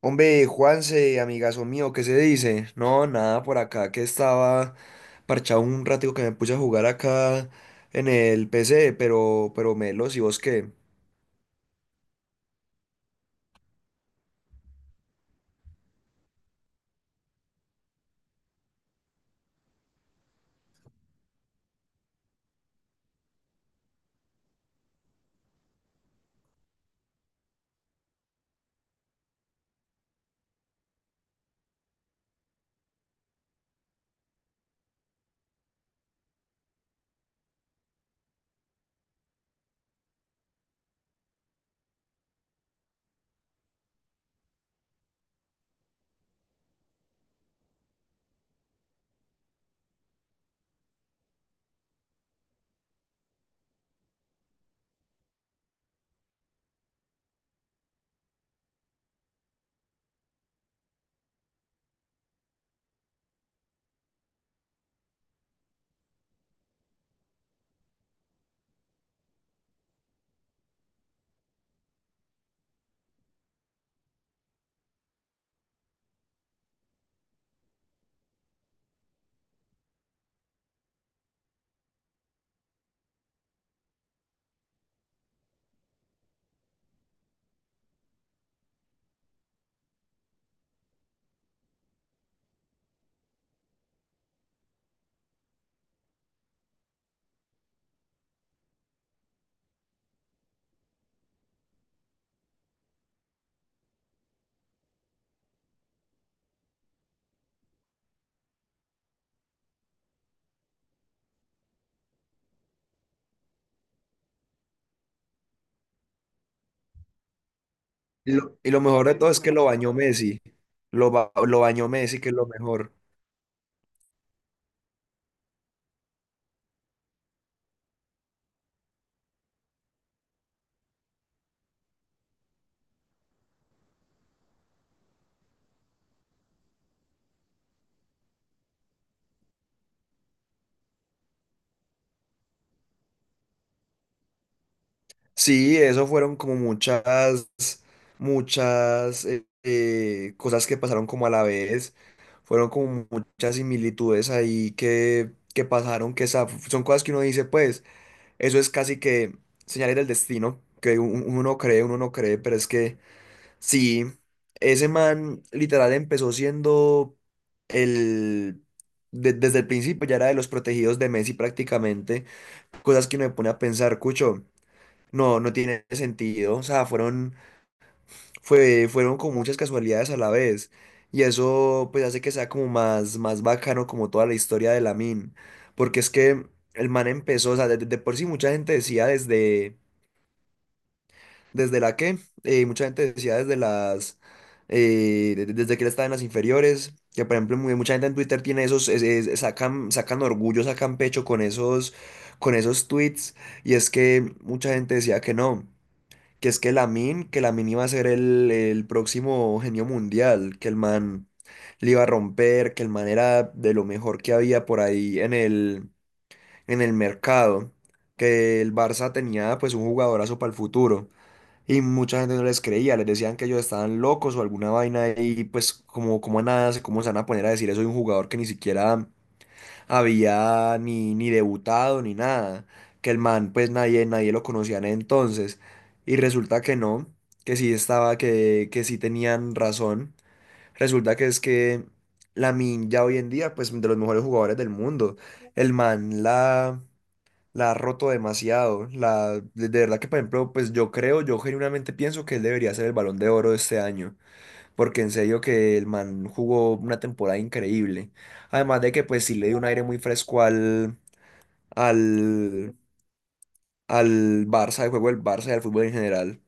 Hombre, Juanse, amigazo mío, ¿qué se dice? No, nada por acá, que estaba parchado un ratico que me puse a jugar acá en el PC, pero Melos, ¿y vos qué? Y lo mejor de todo es que lo bañó Messi, lo bañó Messi, que es lo mejor. Sí, eso fueron muchas cosas que pasaron como a la vez, fueron como muchas similitudes ahí que pasaron, son cosas que uno dice, pues. Eso es casi que señales del destino, que uno no cree, pero es que sí, ese man literal empezó siendo el... desde el principio ya era de los protegidos de Messi prácticamente, cosas que uno me pone a pensar, Cucho, no, no tiene sentido, o sea, fueron con muchas casualidades a la vez, y eso pues hace que sea como más bacano como toda la historia de Lamine, porque es que el man empezó, o sea, de por sí mucha gente decía desde... ¿Desde la qué? Mucha gente decía desde que él estaba en las inferiores, que por ejemplo mucha gente en Twitter tiene esos, es- sacan, sacan orgullo, sacan pecho con con esos tweets, y es que mucha gente decía que no, que Lamine iba a ser el próximo genio mundial, que el man le iba a romper, que el man era de lo mejor que había por ahí en en el mercado, que el Barça tenía pues un jugadorazo para el futuro. Y mucha gente no les creía, les decían que ellos estaban locos o alguna vaina y pues como a nada, cómo se van a poner a decir eso de un jugador que ni siquiera había ni debutado ni nada, que el man pues nadie lo conocía en ese entonces y resulta que no, que sí estaba, que sí tenían razón, resulta que es que Min ya hoy en día pues de los mejores jugadores del mundo, el man la ha roto demasiado. La, de verdad que, por ejemplo, pues yo creo, yo genuinamente pienso que él debería ser el Balón de Oro de este año, porque en serio que el man jugó una temporada increíble. Además de que, pues sí le dio un aire muy fresco al, al Barça, al juego del Barça y al fútbol en general.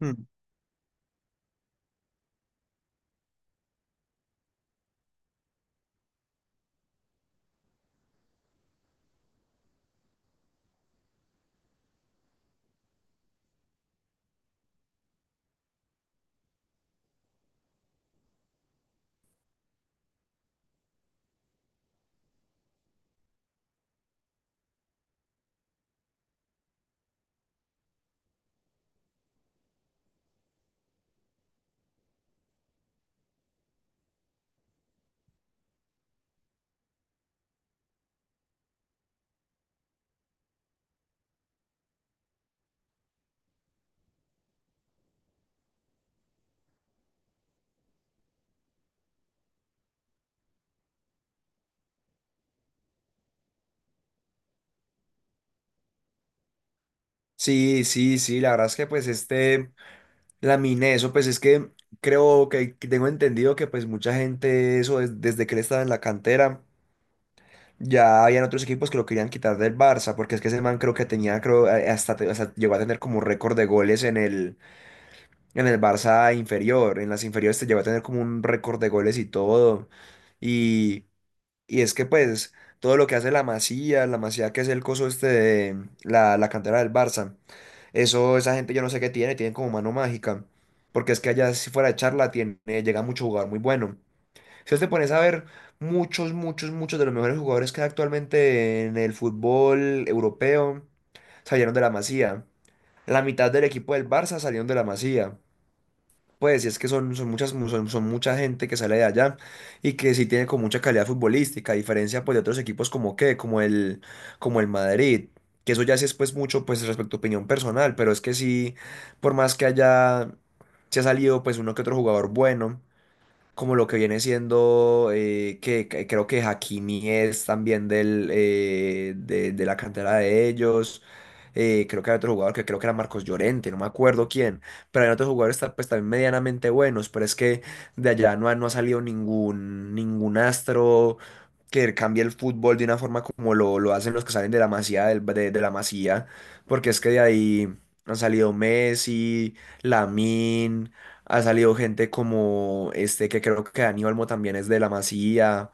Hmm. Sí, sí, sí, la verdad es que, pues este, Lamine, eso, pues es que creo que tengo entendido que, pues mucha gente, eso, desde que él estaba en la cantera. Ya habían otros equipos que lo querían quitar del Barça, porque es que ese man creo que tenía, creo, hasta llegó a tener como récord de goles en en el Barça inferior, en las inferiores te llegó a tener como un récord de goles y todo. Y, y es que pues todo lo que hace la Masía que es el coso este de la cantera del Barça, eso, esa gente yo no sé qué tiene, tienen como mano mágica, porque es que allá si fuera de charla tiene, llega mucho jugador muy bueno. Si vos te pones a ver muchos de los mejores jugadores que hay actualmente en el fútbol europeo salieron de la Masía. La mitad del equipo del Barça salieron de la Masía. Pues, y es que son muchas, son mucha gente que sale de allá y que sí tiene con mucha calidad futbolística, a diferencia pues, de otros equipos como qué, como el Madrid. Que eso ya sí es pues mucho pues respecto a opinión personal, pero es que sí, por más que haya, se ha salido pues uno que otro jugador bueno como lo que viene siendo, que creo que Hakimi es también de la cantera de ellos. Creo que hay otro jugador que creo que era Marcos Llorente, no me acuerdo quién, pero hay otros jugadores pues también medianamente buenos, pero es que de allá no ha salido ningún astro que cambie el fútbol de una forma como lo hacen los que salen de la Masía, de la Masía, porque es que de ahí han salido Messi, Lamine. Ha salido gente como este, que creo que Dani Olmo también es de la Masía.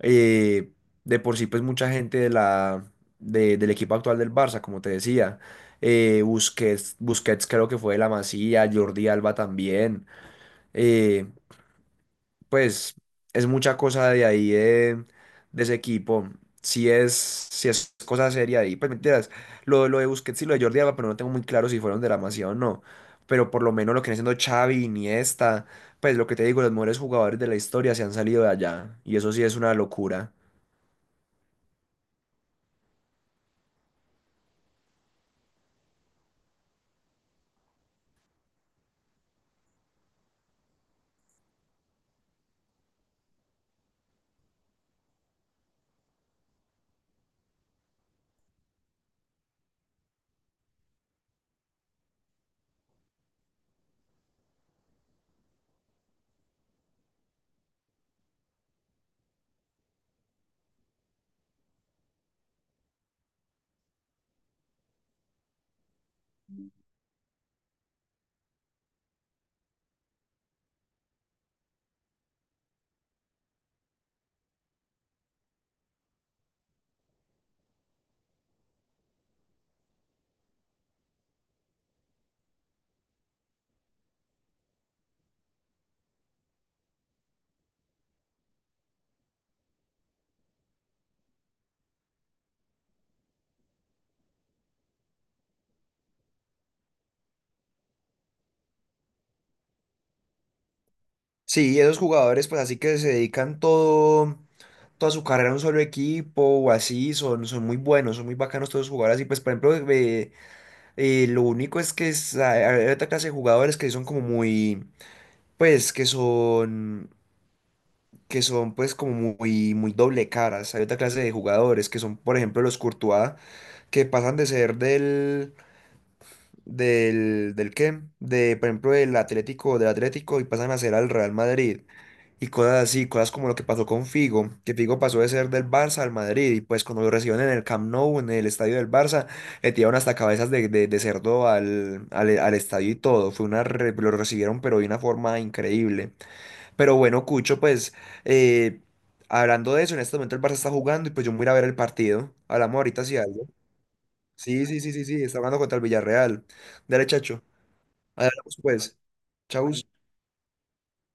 eh, de por sí, pues mucha gente de del equipo actual del Barça, como te decía. Busquets creo que fue de la Masía, Jordi Alba también. eh, pues es mucha cosa de ahí, de ese equipo. Si es cosa seria ahí, pues mentiras. Lo de Busquets y lo de Jordi Alba, pero no tengo muy claro si fueron de la Masía o no. Pero por lo menos lo que viene siendo Xavi, Iniesta, pues lo que te digo, los mejores jugadores de la historia se han salido de allá. Y eso sí es una locura. Sí, esos jugadores, pues así que se dedican toda su carrera a un solo equipo o así, son muy buenos, son muy bacanos todos los jugadores. Y pues, por ejemplo, lo único es que hay otra clase de jugadores que son como muy, pues, que son, pues, muy doble caras. Hay otra clase de jugadores que son, por ejemplo, los Courtois, que pasan de ser del qué, de por ejemplo del Atlético y pasan a ser al Real Madrid y cosas así, cosas como lo que pasó con Figo, que Figo pasó de ser del Barça al Madrid y pues cuando lo recibieron en el Camp Nou, en el estadio del Barça, le tiraron hasta cabezas de cerdo al estadio y todo, lo recibieron pero de una forma increíble, pero bueno, Cucho, pues... eh, hablando de eso, en este momento el Barça está jugando y pues yo me voy a ir a ver el partido. Hablamos ahorita si algo. Sí, sí, sí, sí, sí, está jugando contra el Villarreal. Dale, chacho. Ahí hablamos pues. Chau.